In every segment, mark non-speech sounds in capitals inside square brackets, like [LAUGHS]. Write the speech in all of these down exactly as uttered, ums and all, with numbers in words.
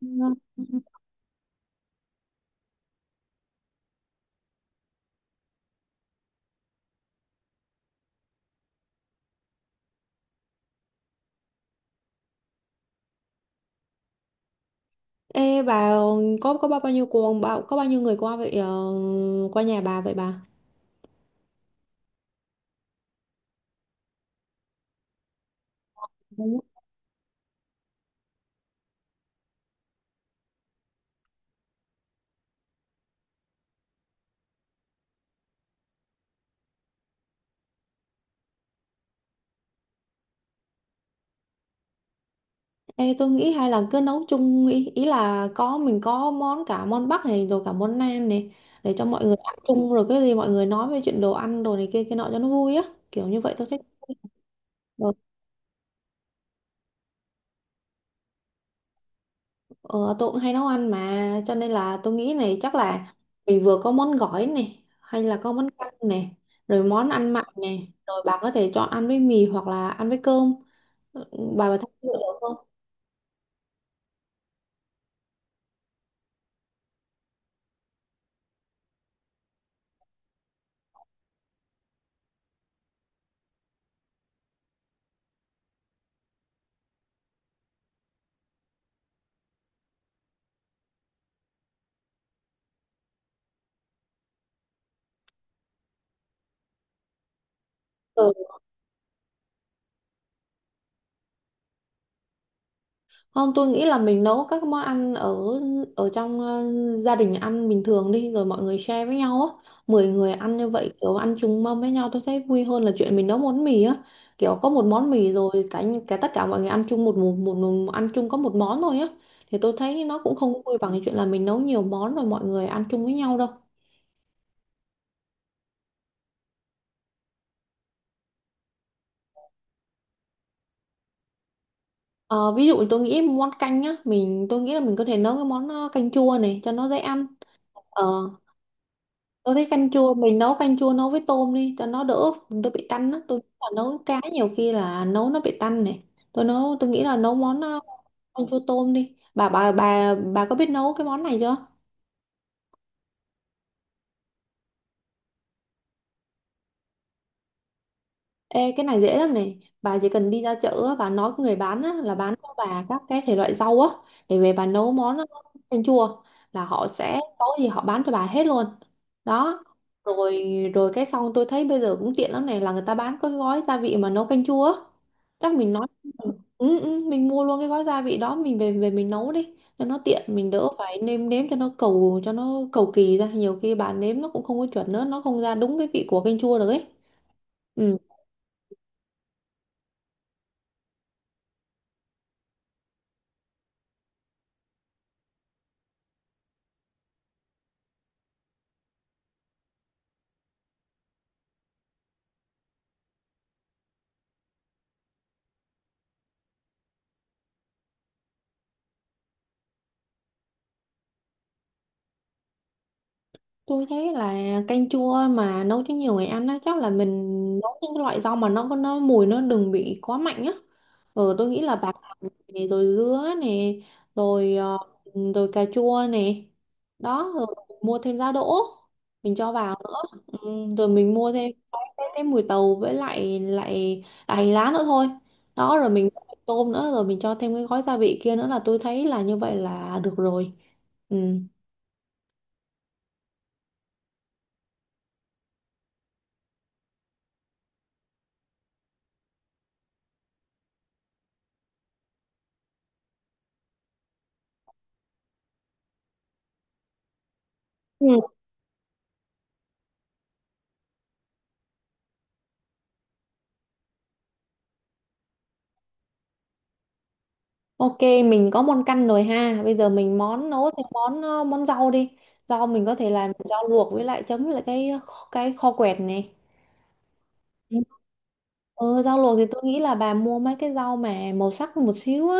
Vâng. Ê bà có có bao bao nhiêu cuồng bao có bao nhiêu người qua vậy ờ, qua nhà bà vậy bà? Đúng. Ê tôi nghĩ hay là cứ nấu chung, ý, ý là có mình có món, cả món Bắc này rồi cả món Nam này, để cho mọi người ăn chung rồi cái gì mọi người nói về chuyện đồ ăn đồ này kia kia nọ cho nó vui á, kiểu như vậy tôi thích. Ờ, tôi cũng hay nấu ăn mà cho nên là tôi nghĩ này, chắc là mình vừa có món gỏi này hay là có món canh này rồi món ăn mặn này, rồi bà có thể chọn ăn với mì hoặc là ăn với cơm. Ừ, bà bà thấy được không? Ừ. Không, tôi nghĩ là mình nấu các món ăn ở ở trong ờ, gia đình ăn bình thường đi rồi mọi người share với nhau á. mười người ăn như vậy, kiểu ăn chung mâm với nhau tôi thấy vui hơn là chuyện mình nấu món mì á. Kiểu có một món mì rồi cả cả tất cả mọi người ăn chung một một, một, một ăn chung có một món thôi á. Thì tôi thấy nó cũng không vui bằng cái chuyện là mình nấu nhiều món rồi mọi người ăn chung với nhau đâu. Ờ, Ví dụ tôi nghĩ món canh á, mình tôi nghĩ là mình có thể nấu cái món ờ, canh chua này cho nó dễ ăn. Ờ, Tôi thấy canh chua mình nấu canh chua nấu với tôm đi cho nó đỡ đỡ bị tanh á. Tôi nghĩ là nấu cá nhiều khi là nấu nó bị tanh này. Tôi nấu tôi nghĩ là nấu món ờ, canh chua tôm đi. Bà bà bà bà có biết nấu cái món này chưa? Ê, cái này dễ lắm này, bà chỉ cần đi ra chợ á, bà nói với người bán á, là bán cho bà các cái thể loại rau á để về bà nấu món canh chua là họ sẽ có gì họ bán cho bà hết luôn đó. Rồi rồi cái xong tôi thấy bây giờ cũng tiện lắm này là người ta bán có cái gói gia vị mà nấu canh chua á, chắc mình nói ừ, ừ, mình mua luôn cái gói gia vị đó mình về về mình nấu đi cho nó tiện, mình đỡ phải nêm nếm cho nó cầu cho nó cầu kỳ ra, nhiều khi bà nếm nó cũng không có chuẩn nữa, nó không ra đúng cái vị của canh chua được ấy. Ừ. Tôi thấy là canh chua mà nấu cho nhiều người ăn á, chắc là mình nấu những cái loại rau mà nó có nó mùi nó đừng bị quá mạnh á. Ừ, tôi nghĩ là bạc hà này, rồi dứa nè, rồi ờ, rồi cà chua nè. Đó, rồi mua thêm giá đỗ mình cho vào nữa. Ừ, rồi mình mua thêm cái, cái, cái mùi tàu với lại lại lại hành lá nữa thôi. Đó, rồi mình mua thêm tôm nữa rồi mình cho thêm cái gói gia vị kia nữa là tôi thấy là như vậy là được rồi. Ừ. Ừ. Ok, mình có món căn rồi ha. Bây giờ mình món nấu thì món ờ, món rau đi. Rau mình có thể làm rau luộc với lại chấm với lại cái cái kho quẹt này. Ừ. Ờ, rau luộc thì tôi nghĩ là bà mua mấy cái rau mà màu sắc một xíu á,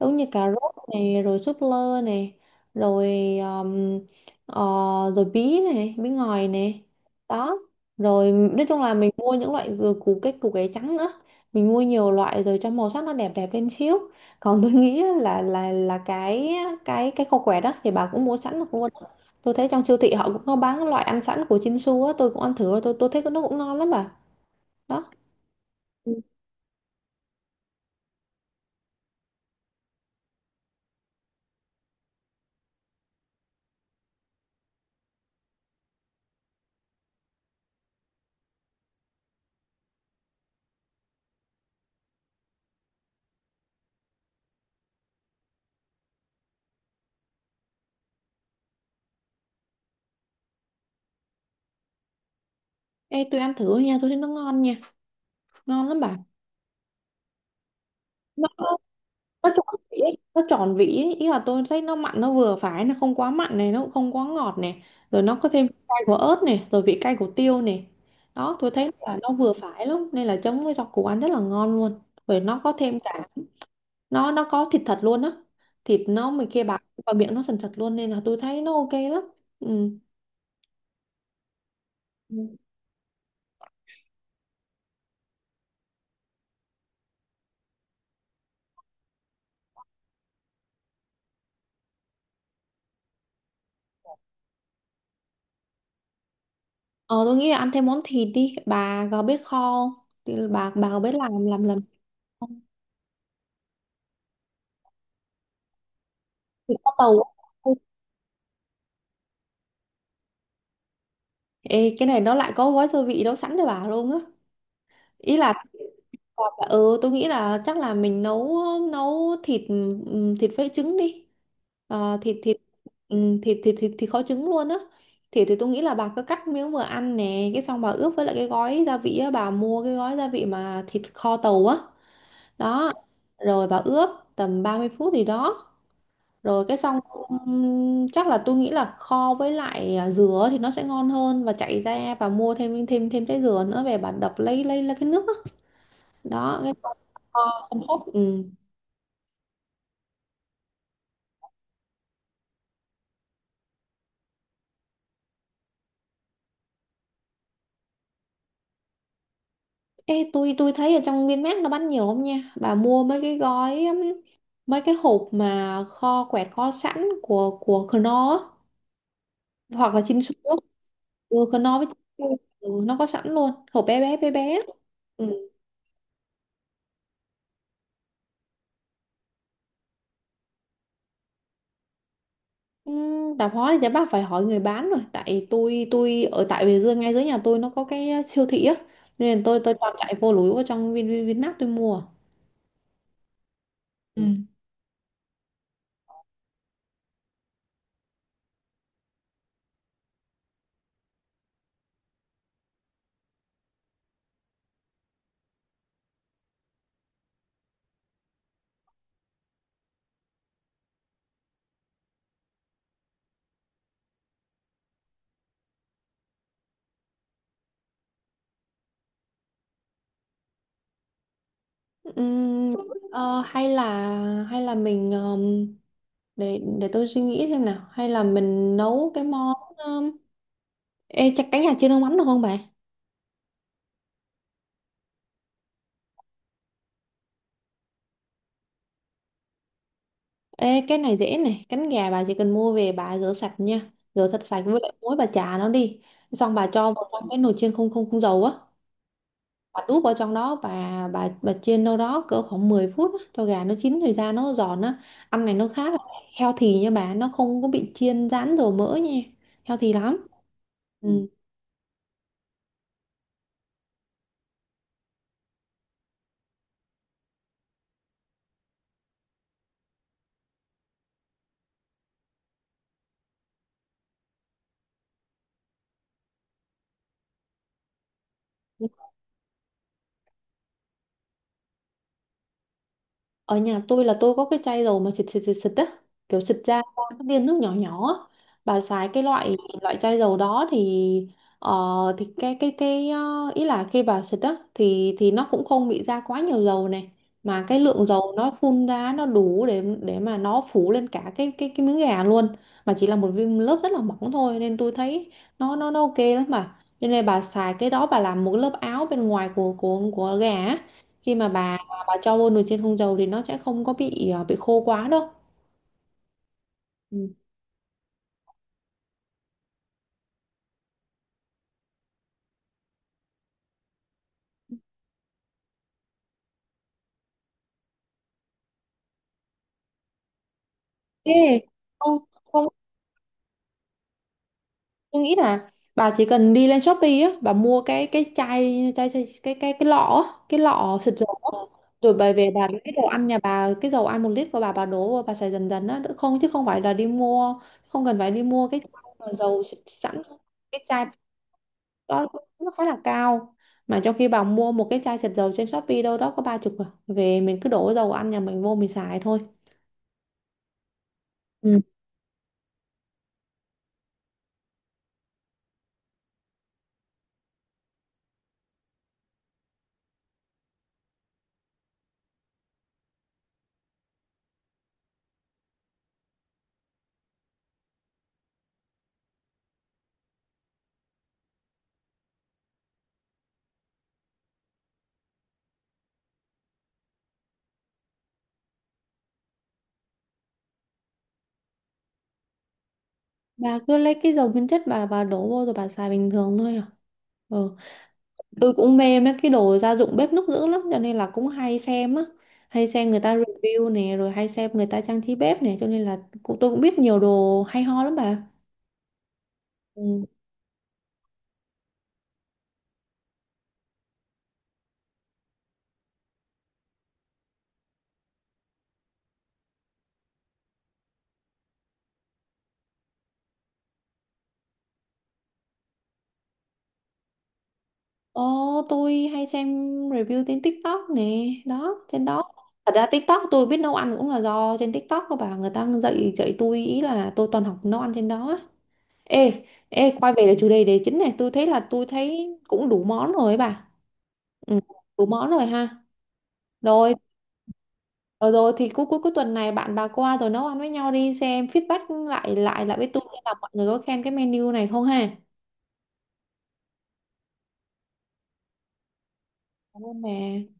giống như cà rốt này rồi súp lơ này rồi um, ờ, rồi bí này bí ngòi này. Đó, rồi nói chung là mình mua những loại, rồi củ cái củ cải trắng nữa, mình mua nhiều loại rồi cho màu sắc nó đẹp đẹp lên xíu. Còn tôi [LAUGHS] nghĩ á, là là là cái cái cái khô quẹt đó thì bà cũng mua sẵn được luôn. Tôi thấy trong siêu thị họ cũng có bán cái loại ăn sẵn của Chinsu á, tôi cũng ăn thử rồi, tôi tôi thấy nó cũng ngon lắm bà, đó. Ừ. Ê, tôi ăn thử nha, tôi thấy nó ngon nha, ngon lắm bà, nó nó tròn vị ấy. Nó tròn vị ấy. Ý là tôi thấy nó mặn nó vừa phải, nó không quá mặn này, nó cũng không quá ngọt này, rồi nó có thêm vị cay của ớt này rồi vị cay của tiêu này. Đó, tôi thấy là nó vừa phải lắm nên là chấm với rau củ ăn rất là ngon luôn. Rồi nó có thêm cả nó nó có thịt thật luôn á, thịt nó mình kia bạc vào miệng nó sần sật luôn nên là tôi thấy nó ok lắm. Ừ. Ừ. ờ tôi nghĩ là ăn thêm món thịt đi, bà có biết kho không, thì bà bà có biết làm làm làm Thì có tàu. Ê, cái này nó lại có gói gia vị nấu sẵn cho bà luôn á, ý là còn là- ừ tôi nghĩ là chắc là mình nấu nấu thịt, ừm, thịt với trứng đi. Ờ, thịt thịt ừm, thịt thịt thịt thịt kho trứng luôn á. Thịt thì tôi nghĩ là bà cứ cắt miếng vừa ăn nè, cái xong bà ướp với lại cái gói gia vị á, bà mua cái gói gia vị mà thịt kho tàu á. Đó rồi bà ướp tầm ba mươi phút gì đó, rồi cái xong ừm, chắc là tôi nghĩ là kho với lại à, dừa thì nó sẽ ngon hơn, và chạy ra và mua thêm thêm thêm trái dừa nữa, về bà đập lấy lấy lấy cái nước đó, đó cái kho xong sốt. Ừ. Ê, tôi tôi thấy ở trong Vinmart nó bán nhiều không nha, bà mua mấy cái gói ừm, mấy cái hộp mà kho quẹt kho sẵn của của Knorr á, hoặc là Chin Su á. Ừ, Knorr với Chin Su, ừ, nó có sẵn luôn hộp bé bé bé bé. Ừ. Ừm, tạp hóa thì chắc bác phải hỏi người bán rồi, tại tôi tôi ở tại Bình Dương, ngay dưới nhà tôi nó có cái siêu thị á, nên tôi tôi toàn chạy vô lúi vào trong Vin Vin Vinmart tôi mua. Ừ. Ừm, ờ, hay là hay là mình ờm, để để tôi suy nghĩ xem nào, hay là mình nấu cái món, um, ê chắc cánh gà chiên nước mắm được không bà? Ê, cái này dễ này, cánh gà bà chỉ cần mua về bà rửa sạch nha, rửa thật sạch với lại muối bà chà nó đi, xong bà cho vào trong cái nồi chiên không không không dầu á. Bà đút vào trong đó, bà bà bà chiên đâu đó cỡ khoảng mười phút á, cho gà nó chín thì ra nó giòn á. Ăn này nó khá là healthy nha bà, nó không có bị chiên rán dầu mỡ nha, healthy lắm. Ừ. Ở nhà tôi là tôi có cái chai dầu mà xịt xịt xịt xịt á, kiểu xịt ra có cái viên nước nhỏ nhỏ á. Bà xài cái loại loại chai dầu đó thì ờ, thì cái cái cái ờ, ý là khi bà xịt á thì thì nó cũng không bị ra quá nhiều dầu này, mà cái lượng dầu nó phun ra nó đủ để để mà nó phủ lên cả cái cái cái miếng gà luôn. Mà chỉ là một viên lớp rất là mỏng thôi nên tôi thấy nó nó nó ok lắm, mà nên là bà xài cái đó bà làm một lớp áo bên ngoài của của của gà á. Khi mà bà và cho vô nồi chiên không dầu thì nó sẽ không có bị ờ, bị khô quá đâu. Ừ. Ê, không không, tôi nghĩ là bà chỉ cần đi lên Shopee á, bà mua cái cái chai chai, chai cái cái cái lọ á, cái lọ xịt dầu á. Rồi bà về bà lấy cái dầu ăn nhà bà, cái dầu ăn một lít của bà bà đổ vào bà xài dần dần á, không, chứ không phải là đi mua, không cần phải đi mua cái chai mà dầu xịt sẵn đâu. Cái chai đó nó khá là cao, mà trong khi bà mua một cái chai xịt dầu trên Shopee đâu đó có ba chục à, về mình cứ đổ dầu ăn nhà mình vô mình xài thôi. Bà cứ lấy cái dầu nguyên chất bà bà đổ vô rồi bà xài bình thường thôi à. Ừ. Tôi cũng mê mấy cái đồ gia dụng bếp núc dữ lắm cho nên là cũng hay xem á, hay xem người ta review nè, rồi hay xem người ta trang trí bếp nè, cho nên là cũng- tôi cũng biết nhiều đồ hay ho lắm bà. Ừ. Ồ, tôi hay xem review trên TikTok nè, đó trên đó thật ra TikTok tôi biết nấu ăn cũng là do trên TikTok của bà, người ta dạy dạy tôi, ý là tôi toàn học nấu ăn trên đó á. Ê, ê, quay về cái chủ đề đề chính này, tôi thấy là tôi thấy cũng đủ món rồi ấy bà. Ừ, đủ món rồi ha. Rồi, rồi, rồi thì cuối cuối cuối tuần này bạn bà qua rồi nấu ăn với nhau đi, xem feedback lại lại lại với tôi xem là mọi người có khen cái menu này không ha. Cảm ơn bà.